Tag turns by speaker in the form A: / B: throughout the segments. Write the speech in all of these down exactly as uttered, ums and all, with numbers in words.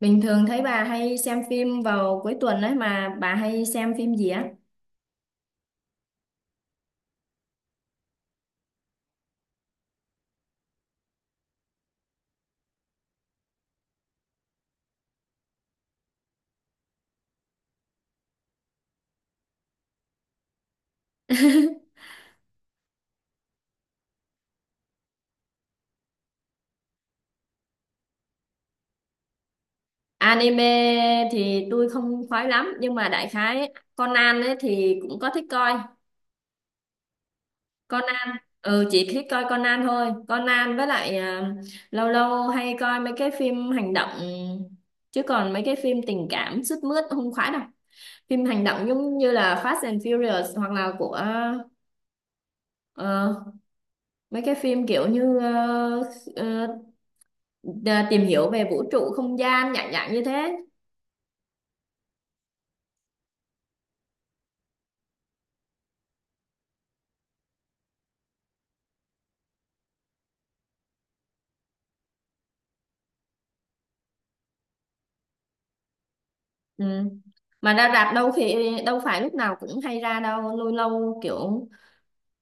A: Bình thường thấy bà hay xem phim vào cuối tuần ấy, mà bà hay xem phim gì á? Anime thì tôi không khoái lắm nhưng mà đại khái Conan ấy thì cũng có thích coi. Conan, ừ, chỉ thích coi Conan thôi. Conan với lại à, lâu lâu hay coi mấy cái phim hành động, chứ còn mấy cái phim tình cảm sướt mướt không khoái đâu. Phim hành động giống như là Fast and Furious hoặc là của ờ, mấy cái phim kiểu như ờ, ờ, Đ- tìm hiểu về vũ trụ không gian, dạng dạng như thế. Ừ. Mà ra rạp đâu, khi đâu phải lúc nào cũng hay ra đâu, lâu lâu kiểu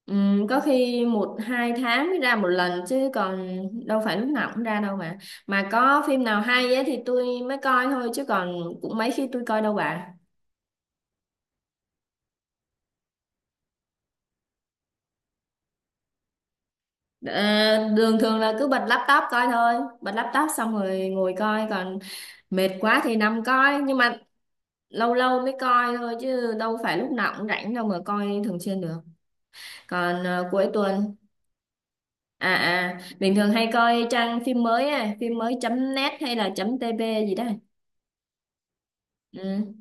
A: ừm, có khi một hai tháng mới ra một lần, chứ còn đâu phải lúc nào cũng ra đâu, mà mà có phim nào hay ấy thì tôi mới coi thôi, chứ còn cũng mấy khi tôi coi đâu bà. Ờ, đường thường là cứ bật laptop coi thôi, bật laptop xong rồi ngồi coi, còn mệt quá thì nằm coi, nhưng mà lâu lâu mới coi thôi chứ đâu phải lúc nào cũng rảnh đâu mà coi thường xuyên được. Còn ờ, cuối tuần à à bình thường hay coi trang phim mới á, phim mới chấm net hay là chấm tb gì đó. Ừ.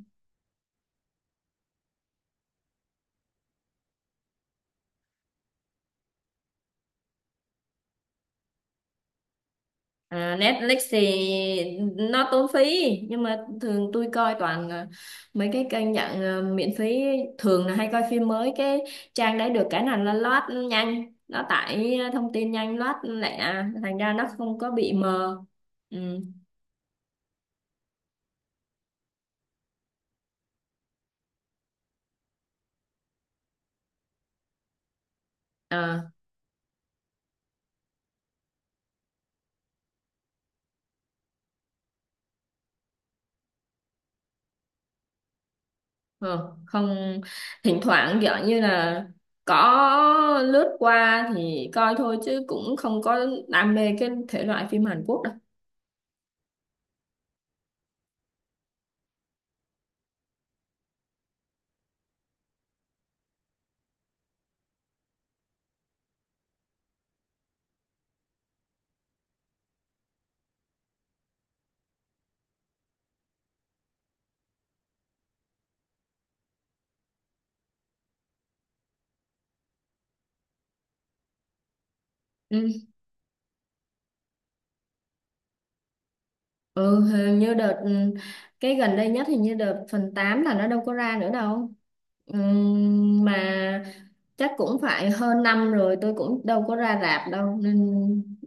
A: À, Netflix thì nó tốn phí, nhưng mà thường tôi coi toàn ờ, mấy cái kênh dạng ờ, miễn phí, thường là hay coi phim mới, cái trang đấy được cái nào là nó load nhanh, nó tải thông tin nhanh, load lẹ, thành ra nó không có bị mờ. Ừ. Ờ. Ờ, không, thỉnh thoảng kiểu như là có lướt qua thì coi thôi chứ cũng không có đam mê cái thể loại phim Hàn Quốc đâu. Ừ. Ừ, hình như đợt ừ, cái gần đây nhất hình như đợt phần tám là nó đâu có ra nữa đâu. Ừm, mà chắc cũng phải hơn năm rồi tôi cũng đâu có ra rạp đâu, nên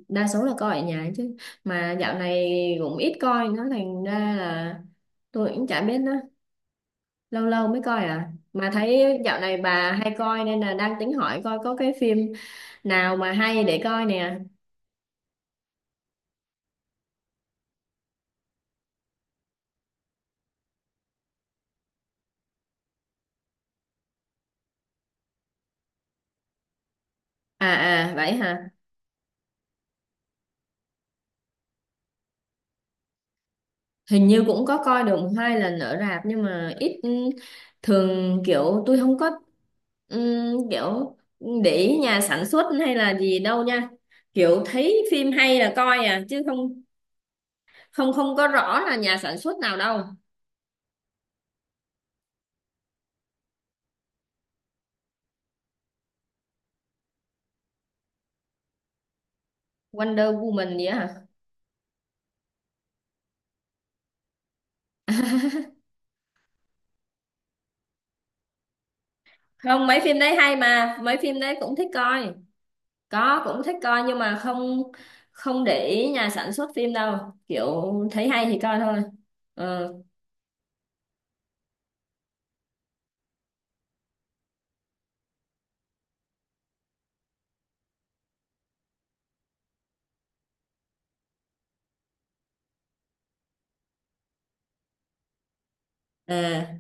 A: đa số là coi ở nhà chứ. Mà dạo này cũng ít coi nó, thành ra là tôi cũng chả biết nó, lâu lâu mới coi, à mà thấy dạo này bà hay coi nên là đang tính hỏi coi có cái phim nào mà hay để coi nè. À à vậy hả. Hình như cũng có coi được một hai lần ở rạp, nhưng mà ít, ừ, thường kiểu tôi không có ừ, kiểu để ý nhà sản xuất hay là gì đâu nha, kiểu thấy phim hay là coi à chứ không, không không có rõ là nhà sản xuất nào đâu. Wonder Woman gì á hả? Không, mấy phim đấy hay, mà mấy phim đấy cũng thích coi, có cũng thích coi nhưng mà không, không để ý nhà sản xuất phim đâu, kiểu thấy hay thì coi thôi. Ờ. À,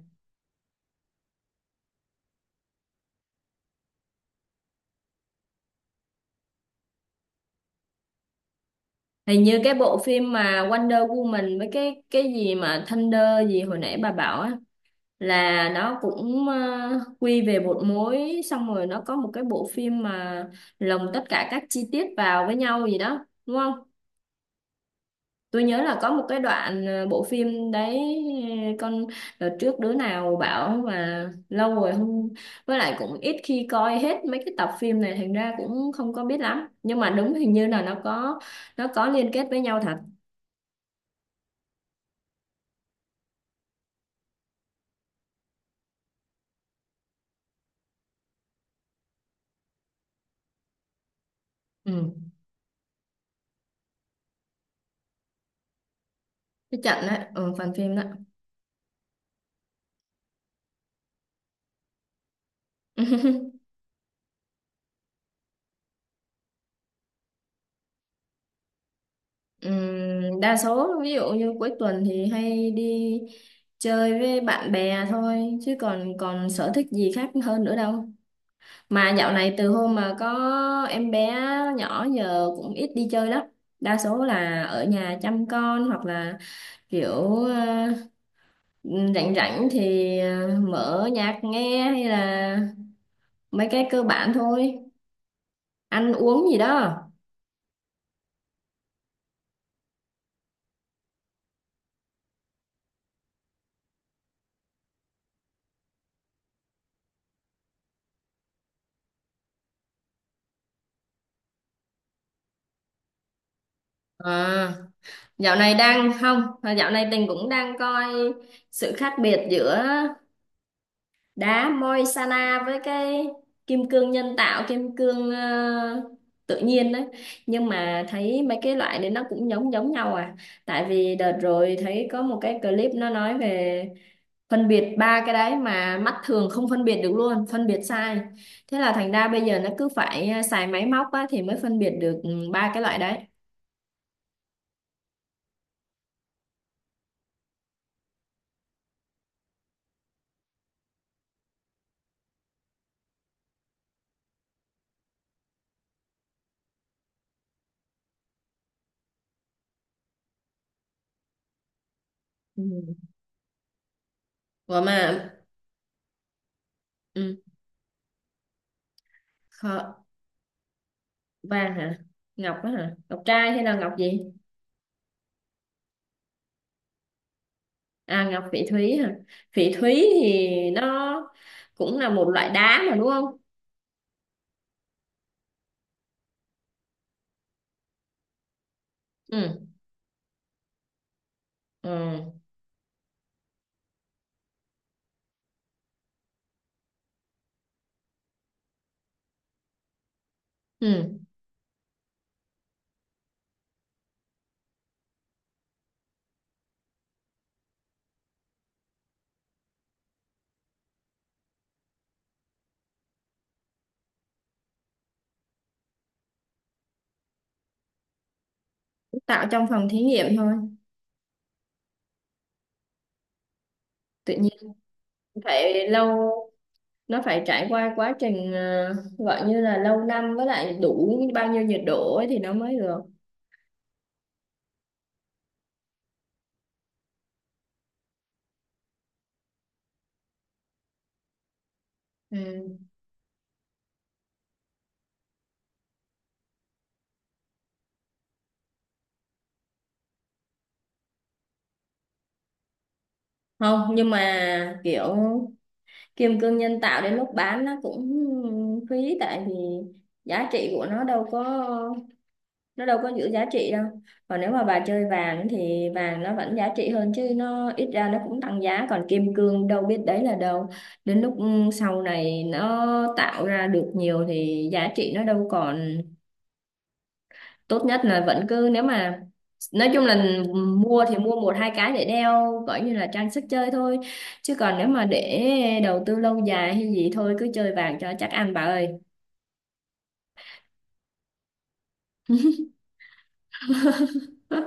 A: hình như cái bộ phim mà Wonder Woman với cái cái gì mà Thunder gì hồi nãy bà bảo á, là nó cũng ờ, quy về một mối, xong rồi nó có một cái bộ phim mà lồng tất cả các chi tiết vào với nhau gì đó đúng không? Tôi nhớ là có một cái đoạn ờ, bộ phim đấy ờ, con, đợt trước đứa nào bảo mà lâu rồi không, với lại cũng ít khi coi hết mấy cái tập phim này, thành ra cũng không có biết lắm, nhưng mà đúng, hình như là nó có, nó có liên kết với nhau thật. Ừ. Cái trận đấy, ừ, phần phim đó. Ừm, đa số ví dụ như cuối tuần thì hay đi chơi với bạn bè thôi, chứ còn còn sở thích gì khác hơn nữa đâu. Mà dạo này từ hôm mà có em bé nhỏ giờ cũng ít đi chơi lắm. Đa số là ở nhà chăm con, hoặc là kiểu ờ, rảnh rảnh thì ờ, mở nhạc nghe, hay là mấy cái cơ bản thôi. Ăn uống gì đó. À, dạo này đang không, dạo này Tình cũng đang coi sự khác biệt giữa đá moi với cái kim cương nhân tạo, kim cương ờ, tự nhiên đấy, nhưng mà thấy mấy cái loại đấy nó cũng giống giống nhau à, tại vì đợt rồi thấy có một cái clip nó nói về phân biệt ba cái đấy mà mắt thường không phân biệt được luôn, phân biệt sai, thế là thành ra bây giờ nó cứ phải ờ, xài máy móc á thì mới phân biệt được, ừ, ba cái loại đấy. Ừ. Ủa mà ừ. Kho... vàng hả, ngọc á hả, ngọc trai hay là ngọc gì? À, ngọc phỉ thúy hả? Phỉ thúy thì nó cũng là một loại đá mà đúng không? Ừ. Ừ. Ừ. Tạo trong phòng thí nghiệm thôi. Tự nhiên phải lâu, nó phải trải qua quá trình ờ, gọi như là lâu năm, với lại đủ bao nhiêu nhiệt độ ấy thì nó mới được. Ừ. Không, nhưng mà kiểu kim cương nhân tạo đến lúc bán nó cũng phí, tại vì giá trị của nó đâu có, nó đâu có giữ giá trị đâu. Còn nếu mà bà chơi vàng thì vàng nó vẫn giá trị hơn chứ, nó ít ra nó cũng tăng giá, còn kim cương đâu biết đấy là đâu, đến lúc ừ, sau này nó tạo ra được nhiều thì giá trị nó đâu còn. Tốt nhất là vẫn cứ nếu mà nói chung là mua thì mua một hai cái để đeo coi như là trang sức chơi thôi, chứ còn nếu mà để đầu tư lâu dài hay gì thôi cứ chơi vàng cho chắc ăn bà ơi. Hứ,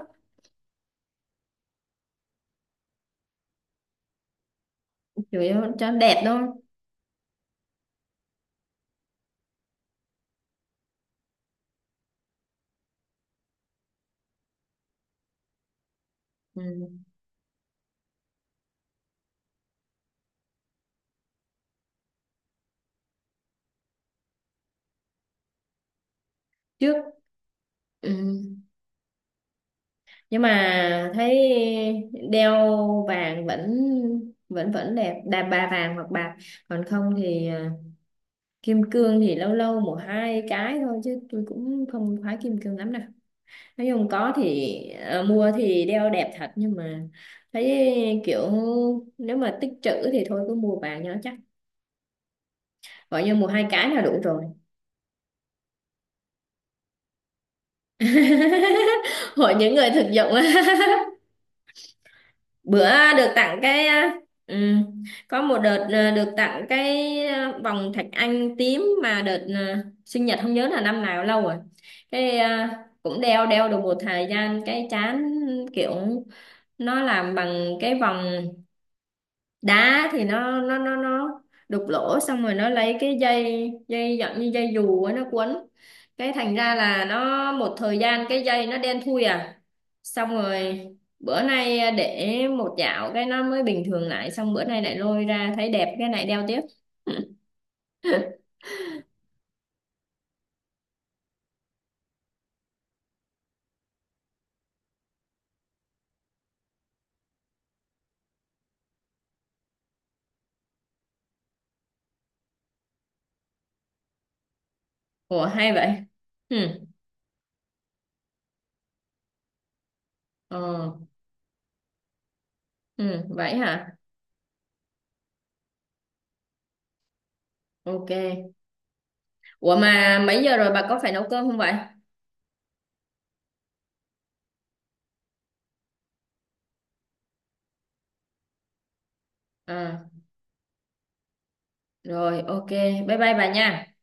A: chủ yếu cho đẹp thôi. Ừ. Trước ừ. Nhưng mà thấy đeo vàng vẫn vẫn vẫn đẹp đà bà, vàng hoặc bạc, còn không thì à, kim cương thì lâu lâu một hai cái thôi chứ tôi cũng không khoái kim cương lắm đâu, nói chung có thì à, mua thì đeo đẹp thật, nhưng mà thấy kiểu nếu mà tích trữ thì thôi cứ mua vàng cho nó chắc, gọi như mua hai cái là đủ rồi. Hội những người thực dụng. Bữa được tặng cái à, ừ, có một đợt à, được tặng cái à, vòng thạch anh tím mà đợt à, sinh nhật không nhớ là năm nào, lâu rồi, cái à, cũng đeo đeo được một thời gian cái chán, kiểu nó làm bằng cái vòng đá thì nó nó nó nó đục lỗ xong rồi nó lấy cái dây, dây dạng như dây dù ấy, nó quấn, cái thành ra là nó một thời gian cái dây nó đen thui à, xong rồi bữa nay để một dạo cái nó mới bình thường lại, xong bữa nay lại lôi ra thấy đẹp, cái này đeo tiếp. Ủa hay vậy. Ừ. Ờ. Ừ, vậy hả. Ok. Ủa mà mấy giờ rồi, bà có phải nấu cơm không vậy? À rồi, ok, bye bye bà nha.